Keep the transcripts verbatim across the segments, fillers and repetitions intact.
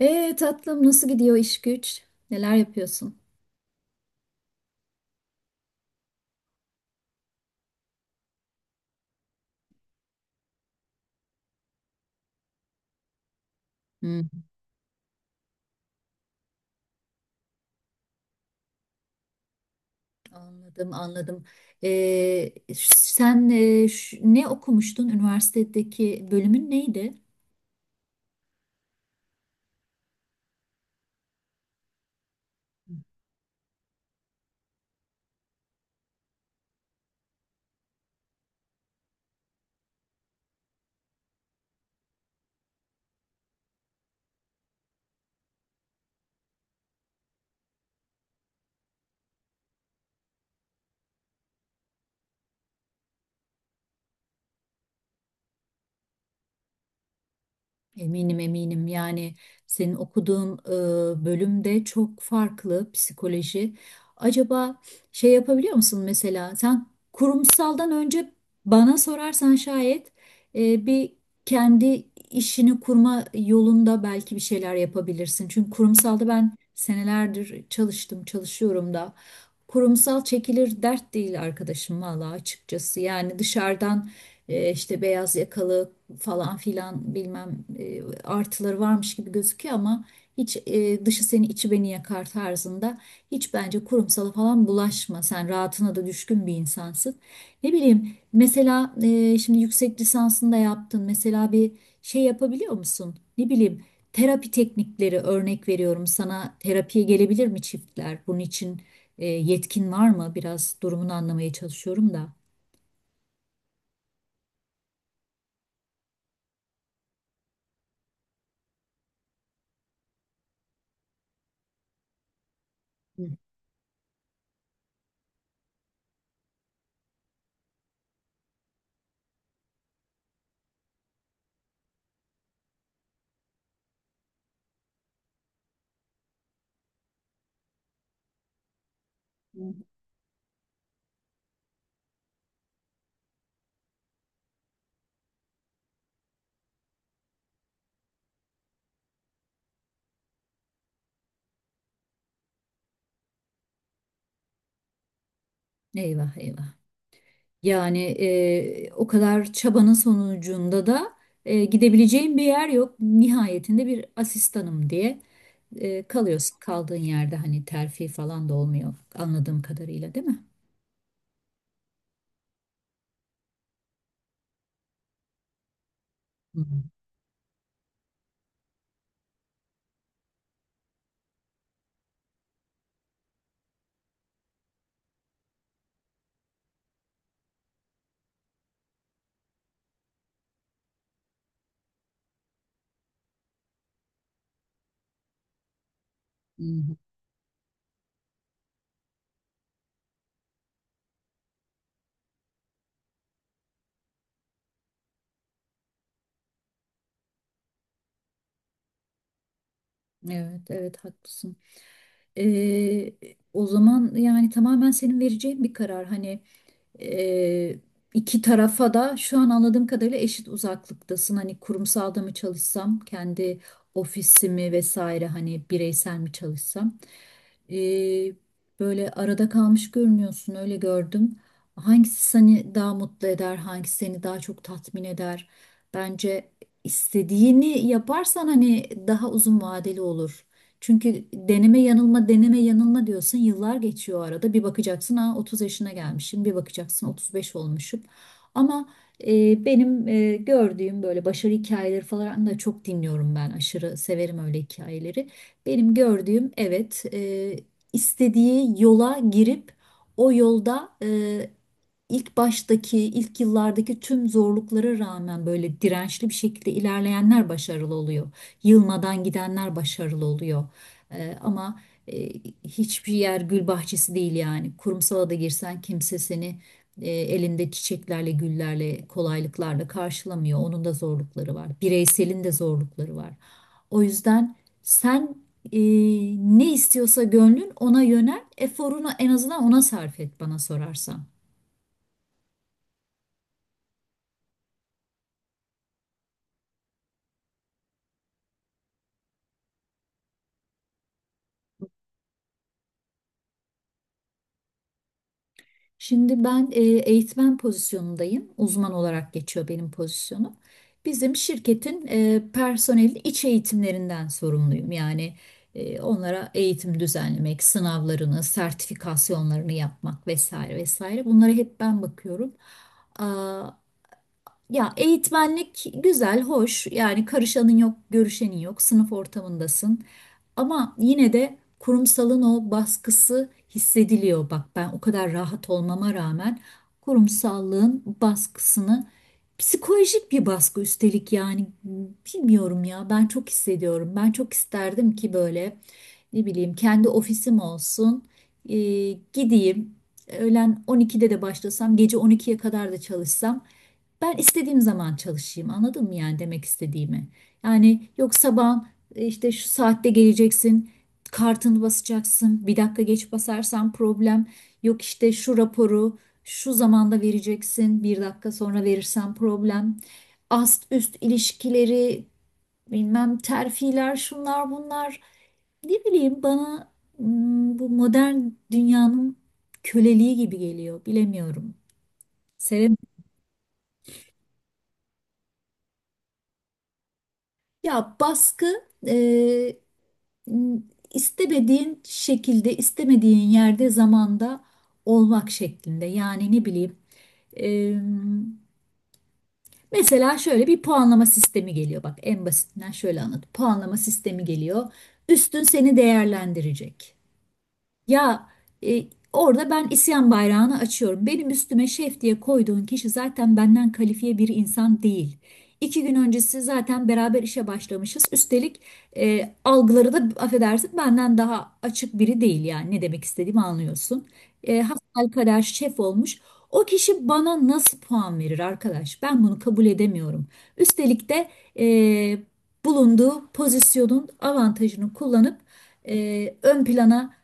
Ee tatlım, nasıl gidiyor iş güç? Neler yapıyorsun? Hmm. Anladım, anladım. Ee, sen e, ş- ne okumuştun? Üniversitedeki bölümün neydi? Eminim, eminim. Yani senin okuduğun e, bölümde çok farklı psikoloji. Acaba şey yapabiliyor musun, mesela sen kurumsaldan önce, bana sorarsan şayet e, bir kendi işini kurma yolunda belki bir şeyler yapabilirsin. Çünkü kurumsalda ben senelerdir çalıştım, çalışıyorum da, kurumsal çekilir dert değil arkadaşım, valla açıkçası. Yani dışarıdan, e, işte beyaz yakalı falan filan bilmem, e, artıları varmış gibi gözüküyor ama hiç. E, dışı seni içi beni yakar tarzında. Hiç, bence kurumsala falan bulaşma. Sen rahatına da düşkün bir insansın. Ne bileyim, mesela e, şimdi yüksek lisansını da yaptın. Mesela bir şey yapabiliyor musun? Ne bileyim, terapi teknikleri, örnek veriyorum sana, terapiye gelebilir mi çiftler? Bunun için e, yetkin var mı? Biraz durumunu anlamaya çalışıyorum da. Hı. Eyvah, eyvah. Yani e, o kadar çabanın sonucunda da e, gidebileceğim bir yer yok. Nihayetinde bir asistanım diye e, kalıyorsun. Kaldığın yerde hani terfi falan da olmuyor anladığım kadarıyla, değil mi? Hı hı. Hı hı. Evet, evet, haklısın. E, o zaman yani tamamen senin vereceğin bir karar. Hani Ee, iki tarafa da şu an anladığım kadarıyla eşit uzaklıktasın. Hani kurumsalda mı çalışsam, kendi ofisimi vesaire, hani bireysel mi çalışsam. Ee, böyle arada kalmış görünüyorsun, öyle gördüm. Hangisi seni daha mutlu eder, hangisi seni daha çok tatmin eder? Bence istediğini yaparsan hani daha uzun vadeli olur. Çünkü deneme yanılma, deneme yanılma diyorsun, yıllar geçiyor, arada bir bakacaksın ha otuz yaşına gelmişim, bir bakacaksın otuz beş olmuşum. Ama e, benim e, gördüğüm, böyle başarı hikayeleri falan da çok dinliyorum, ben aşırı severim öyle hikayeleri. Benim gördüğüm, evet, e, istediği yola girip o yolda, e, ilk baştaki, ilk yıllardaki tüm zorluklara rağmen, böyle dirençli bir şekilde ilerleyenler başarılı oluyor. Yılmadan gidenler başarılı oluyor. E, ama e, hiçbir yer gül bahçesi değil yani. Kurumsala da girsen kimse seni e, elinde çiçeklerle, güllerle, kolaylıklarla karşılamıyor. Onun da zorlukları var. Bireyselin de zorlukları var. O yüzden sen, e, ne istiyorsa gönlün ona yönel, eforunu en azından ona sarf et bana sorarsan. Şimdi ben e, eğitmen pozisyonundayım. Uzman olarak geçiyor benim pozisyonum. Bizim şirketin e, personelin iç eğitimlerinden sorumluyum. Yani e, onlara eğitim düzenlemek, sınavlarını, sertifikasyonlarını yapmak vesaire vesaire. Bunlara hep ben bakıyorum. Aa, ya eğitmenlik güzel, hoş. Yani karışanın yok, görüşenin yok, sınıf ortamındasın. Ama yine de kurumsalın o baskısı hissediliyor. Bak, ben o kadar rahat olmama rağmen kurumsallığın baskısını, psikolojik bir baskı üstelik yani, bilmiyorum ya, ben çok hissediyorum. Ben çok isterdim ki böyle, ne bileyim, kendi ofisim olsun. Ee, gideyim, öğlen on ikide de başlasam, gece on ikiye kadar da çalışsam, ben istediğim zaman çalışayım. Anladın mı yani demek istediğimi? Yani yok, sabah e, İşte şu saatte geleceksin, kartını basacaksın, bir dakika geç basarsan problem, yok işte şu raporu şu zamanda vereceksin, bir dakika sonra verirsen problem, ast üst ilişkileri, bilmem terfiler, şunlar bunlar. Ne bileyim, bana mm, bu modern dünyanın köleliği gibi geliyor, bilemiyorum. Sevim. Ya baskı, e, istemediğin şekilde, istemediğin yerde, zamanda olmak şeklinde. Yani ne bileyim. e, Mesela şöyle bir puanlama sistemi geliyor. Bak, en basitinden şöyle anlat. Puanlama sistemi geliyor. Üstün seni değerlendirecek. Ya, e, orada ben isyan bayrağını açıyorum. Benim üstüme şef diye koyduğun kişi zaten benden kalifiye bir insan değil. İki gün öncesi zaten beraber işe başlamışız. Üstelik e, algıları da, affedersin, benden daha açık biri değil, yani ne demek istediğimi anlıyorsun. E, hasbelkader şef olmuş. O kişi bana nasıl puan verir arkadaş? Ben bunu kabul edemiyorum. Üstelik de e, bulunduğu pozisyonun avantajını kullanıp e, ön plana.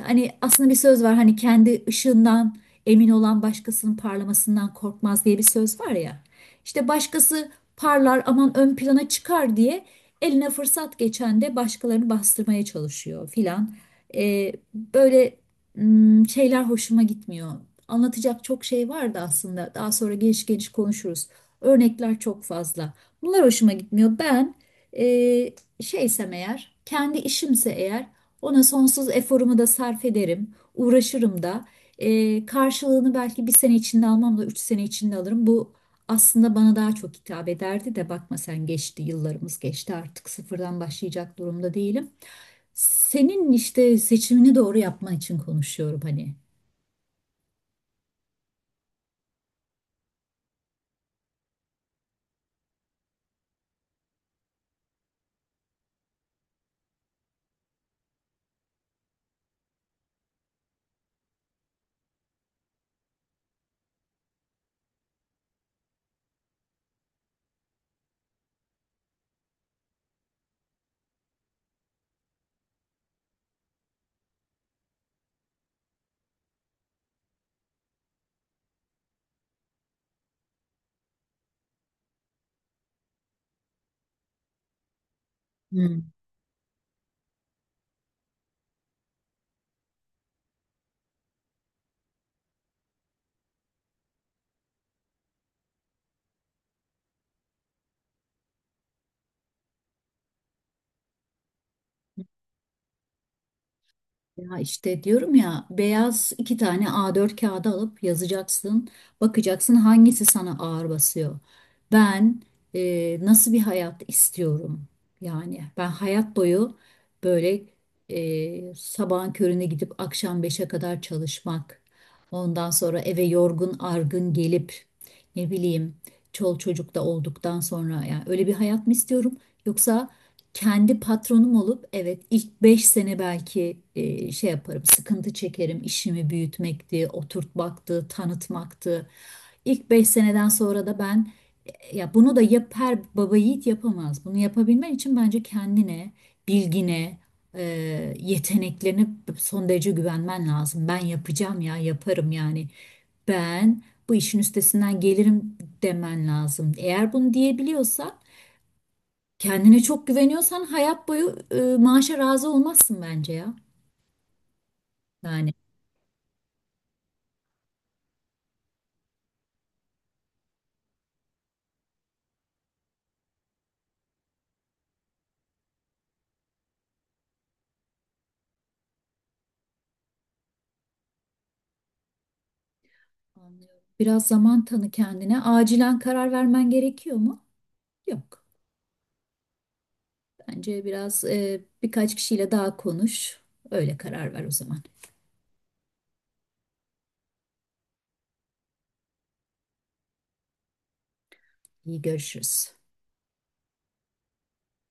Hani aslında bir söz var, hani kendi ışığından emin olan başkasının parlamasından korkmaz diye bir söz var ya. İşte başkası parlar, aman ön plana çıkar diye eline fırsat geçen de başkalarını bastırmaya çalışıyor filan. Ee, böyle hmm, şeyler hoşuma gitmiyor. Anlatacak çok şey vardı aslında. Daha sonra geniş geniş konuşuruz. Örnekler çok fazla. Bunlar hoşuma gitmiyor. Ben e, şeysem eğer, kendi işimse eğer, ona sonsuz eforumu da sarf ederim, uğraşırım da. Ee, karşılığını belki bir sene içinde almam da üç sene içinde alırım. Bu aslında bana daha çok hitap ederdi de, bakma sen, geçti, yıllarımız geçti, artık sıfırdan başlayacak durumda değilim. Senin işte seçimini doğru yapman için konuşuyorum hani. Ya işte diyorum ya, beyaz iki tane A dört kağıdı alıp yazacaksın. Bakacaksın hangisi sana ağır basıyor. Ben e, nasıl bir hayat istiyorum? Yani ben hayat boyu böyle, e, sabahın körüne gidip akşam beşe kadar çalışmak. Ondan sonra eve yorgun argın gelip, ne bileyim, çol çocuk da olduktan sonra, yani öyle bir hayat mı istiyorum? Yoksa kendi patronum olup, evet ilk beş sene belki e, şey yaparım, sıkıntı çekerim, işimi büyütmekti, oturtmaktı, tanıtmaktı. İlk beş seneden sonra da ben, e, ya bunu da yap, her baba yiğit yapamaz. Bunu yapabilmen için bence kendine, bilgine, e, yeteneklerine son derece güvenmen lazım. Ben yapacağım ya, yaparım yani. Ben bu işin üstesinden gelirim demen lazım. Eğer bunu diyebiliyorsan, kendine çok güveniyorsan, hayat boyu e, maaşa razı olmazsın bence ya. Yani. Anlıyorum. Biraz zaman tanı kendine. Acilen karar vermen gerekiyor mu? Yok. Bence biraz, e, birkaç kişiyle daha konuş. Öyle karar ver o zaman. İyi görüşürüz.